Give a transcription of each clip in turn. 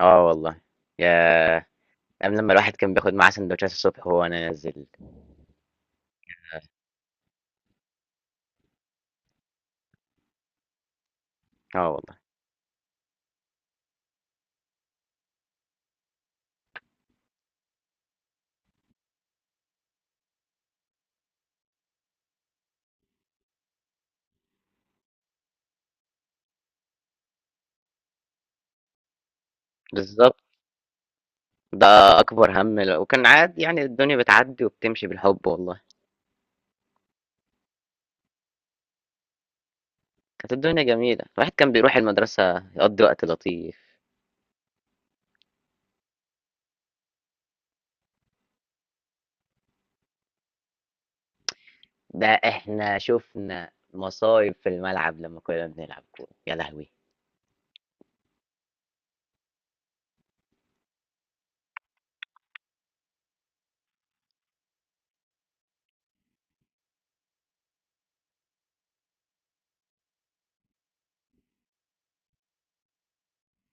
آه والله، ياه! أيام لمّا الواحد كان بياخد معاه سندوتشات الصبح وهو نازل، آه والله، بالضبط، ده أكبر هَم وكان عادي يعني الدنيا بتعدّي وبتمشي بالحب والله، كانت الدنيا جميلة، الواحد كان بيروح المدرسة يقضّي وقت لطيف، ده إحنا شُفنا مصايب في الملعب لمّا كنا بنلعب كورة، يا لهوي!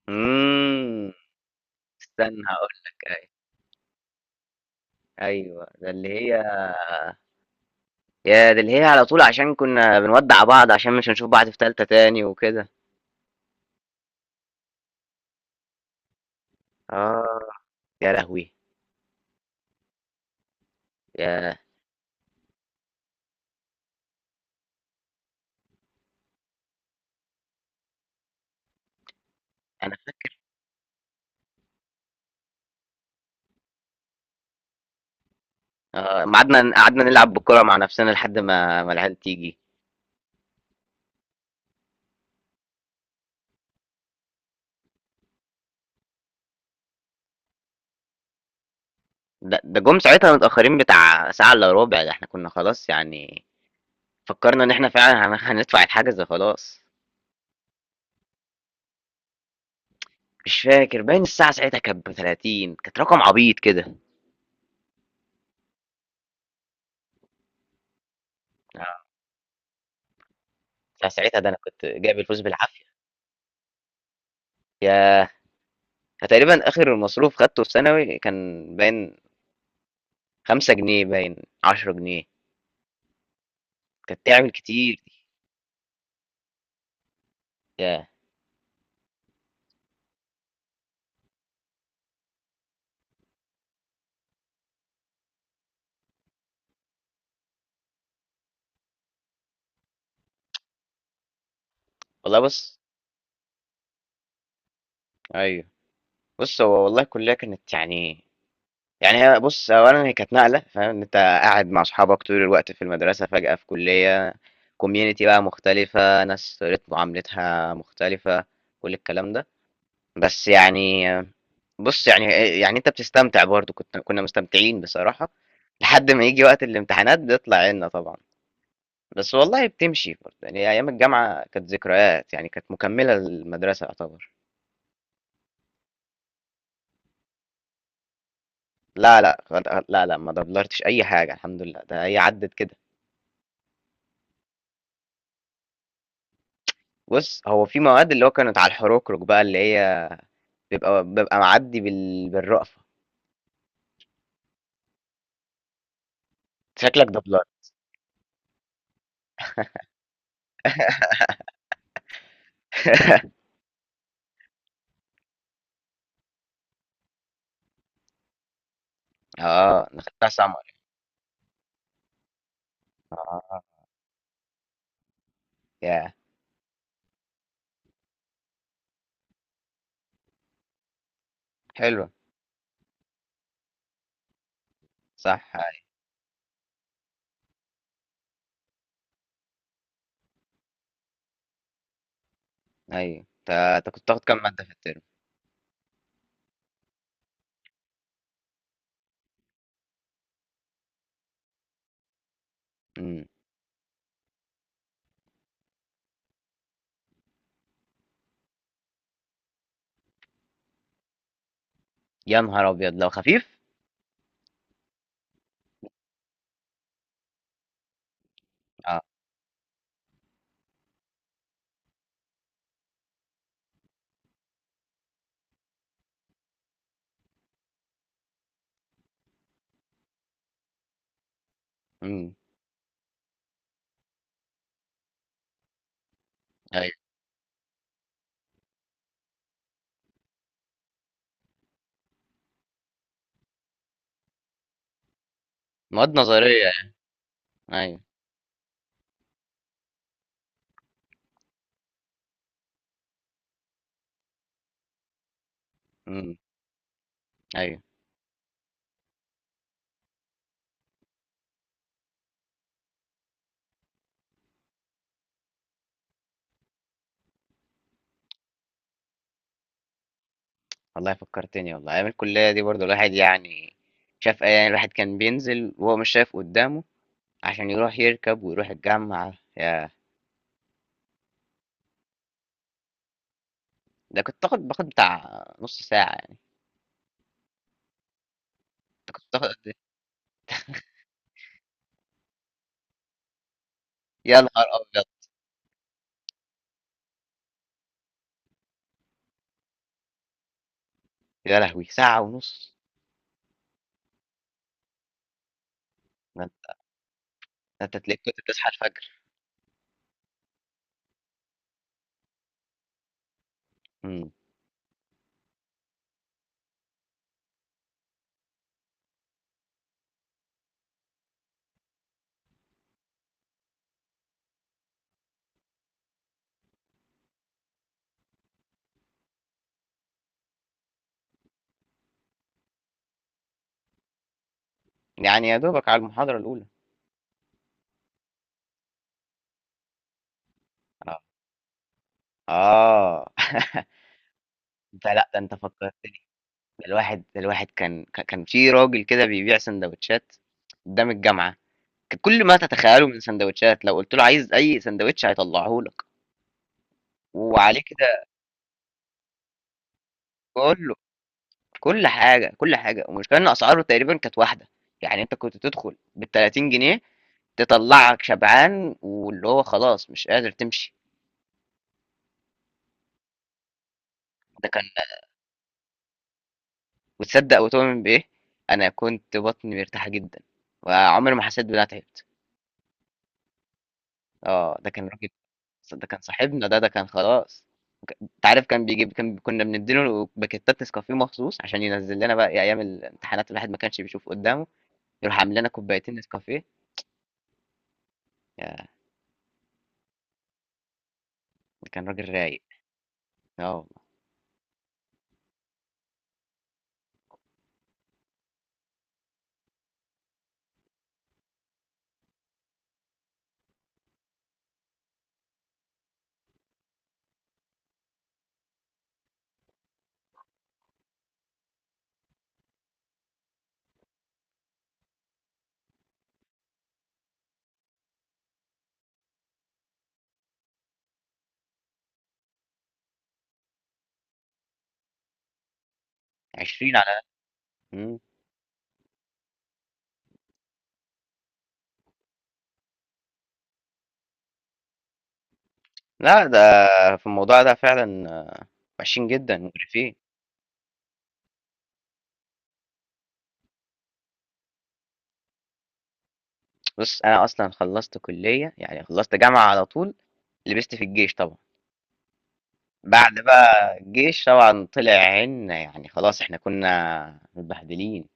إمم، استنى هاقول لك أيوه، أيوه، ده اللي هي ياه! ده اللي هي على طول عشان كنا بنودّع بعض عشان مش هنشوف بعض في تالتة تاني وكده، آه، يا لهوي! ياه! أنا آه، أمّا قعدنا نلعب بالكورة مع نَفْسنا لحد ما العيال تيجي، ده جُم ساعتها متأخرين بتاع ساعة إلا رُبع، ده إحنا كُنّا خلاص يعني فكّرنا إن إحنا فعلًا هندفع الحجز خلاص، مش فاكر باين الساعة ساعتها كانت ب30، كانت رقم عبيط كده، آه، ده ساعتها ده أنا كنت جايب الفلوس بالعافية، ياه! أنا تقريبًا آخر مصروف خدته في ثانوي كان باين 5 جنيه باين، 10 جنيه، كانت تعمل كتير دي، ياه! والله بُص، أيوه، بُص هو والله الكلية كانت يعني هي بُص، أولًا هي كانت نقلة فاهم، إن أنت قاعد مع أصحابك طول الوقت في المدرسة، فجأة في كُلّية community بقى مختلفة، ناس طريقة معاملتها مختلفة، كل الكلام ده. بس يعني بُص، يعني أنت بتستمتع برضه، كُنّا مستمتعين بصراحة، لحد ما ييجي وقت الامتحانات بيطلع عيننا طبعًا. بس والله بتمشي برضه، يعني أيام الجامعة كانت ذكريات، يعني كانت مكمّلة للمدرسة يعتبر. لا، لأ، لا، لأ، ما دبلرتش أي حاجة الحمد لله، ده هي عدِّت كده. بُص، هو في مواد اللي هو كانت على الحُرُكرُك بقى اللي هي بابقى معدّي بالرأفة. شكلك دبّلرة. آه، أنا خدتها summer، آه، ياه! حلوة، صح، أيوه. أنت كنت بتاخد كام مادة في الترم؟ إمم. يا نهار أبيض! لو خفيف؟ آه، إمم، أيوه. مواد نظرية يعني، أيوه، إمم، أيوه. والله فكّرتني والله، أيام الكلية دي برضه الواحد يعني شاف أي الواحد كان بينزل وهو مش شايف قُدّامه عشان يروح يركب ويروح الجامعة، ياه! ده كنت باخد بتاع نص ساعة يعني. انت كنت بتاخد قد ايه؟ يا نهار أبيض! يا لهوي! ساعة ونص؟ ده أنت تلاقيك كنت بتصحى الفجر. امم يعني يا دوبك على المحاضرة الأولى. اه، اه. انت، لا ده انت فكرتني، ده الواحد كان في راجل كده بيبيع سندوتشات قدام الجامعة، كان كل ما تتخيله من سندوتشات، لو قلت له عايز أي سندوتش هيطلعه لك وعليه كده كله، كل حاجة كل حاجة، والمشكلة إن أسعاره تقريبا كانت واحدة، يعني انت كنت تدخل بال 30 جنيه تطلعك شبعان واللي هو خلاص مش قادر تمشي. ده كان، وتصدق وتؤمن بايه، انا كنت بطني مرتاحه جدا وعمري ما حسيت بان انا تعبت. اه، ده كان راجل، ده كان صاحبنا، ده كان خلاص. انت عارف، كان بيجيب، كنا بنديله باكيتات نسكافيه مخصوص عشان ينزل لنا بقى إيه، ايام الامتحانات الواحد ما كانش بيشوف قدامه، يروح عامل لنا كوبايتين نسكافيه. يا! ده كان راجل رايق. اه والله، 20 على. مم. لا، ده في الموضوع ده فعلا آه، وحشين جدا مقرفين. بُص، أنا أصلًا خلّصت كُلّية، يعني خلّصت جامعة على طول، لبست في الجيش طبعًا. بعد بقى الجيش طبعًا طلع عينّا، يعني خلاص إحنا كُنّا متبهدلين.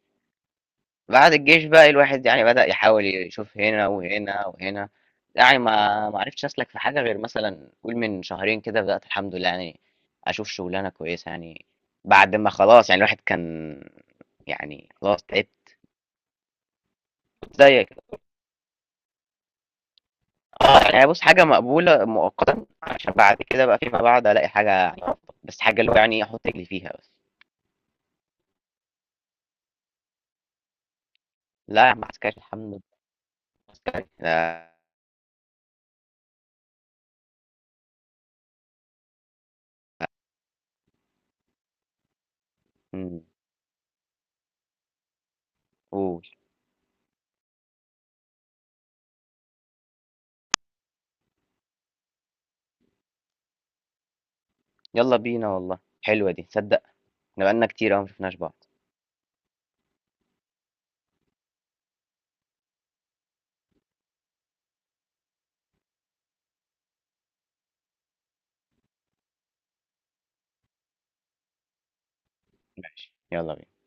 بعد الجيش بقى الواحد يعني بدأ يحاول يشوف هنا وهنا وهنا، يعني ما عرفتش أسلك في حاجة غير مثلًا قُل من شهرين كده بدأت الحمد لله يعني أشوف شُغلانة كويسة يعني، بعد ما خلاص يعني الواحد كان يعني خلاص تعبت. زيّك. آه، يعني بُص حاجة مقبولة مؤقتًا، عشان بعد كده بقى فيما بعد ألاقي حاجة يعني أفضل، بس حاجة اللي هو يعني أحُط رجلي فيها بس. لا يا عم، عسكري الحمد لله. إمم، قُل. يالّا بينا والله، حلوة دي، تصدّق إحنا بقى لنا كتير أوي ما شفناش بعض. ماشي، يالّا بينا.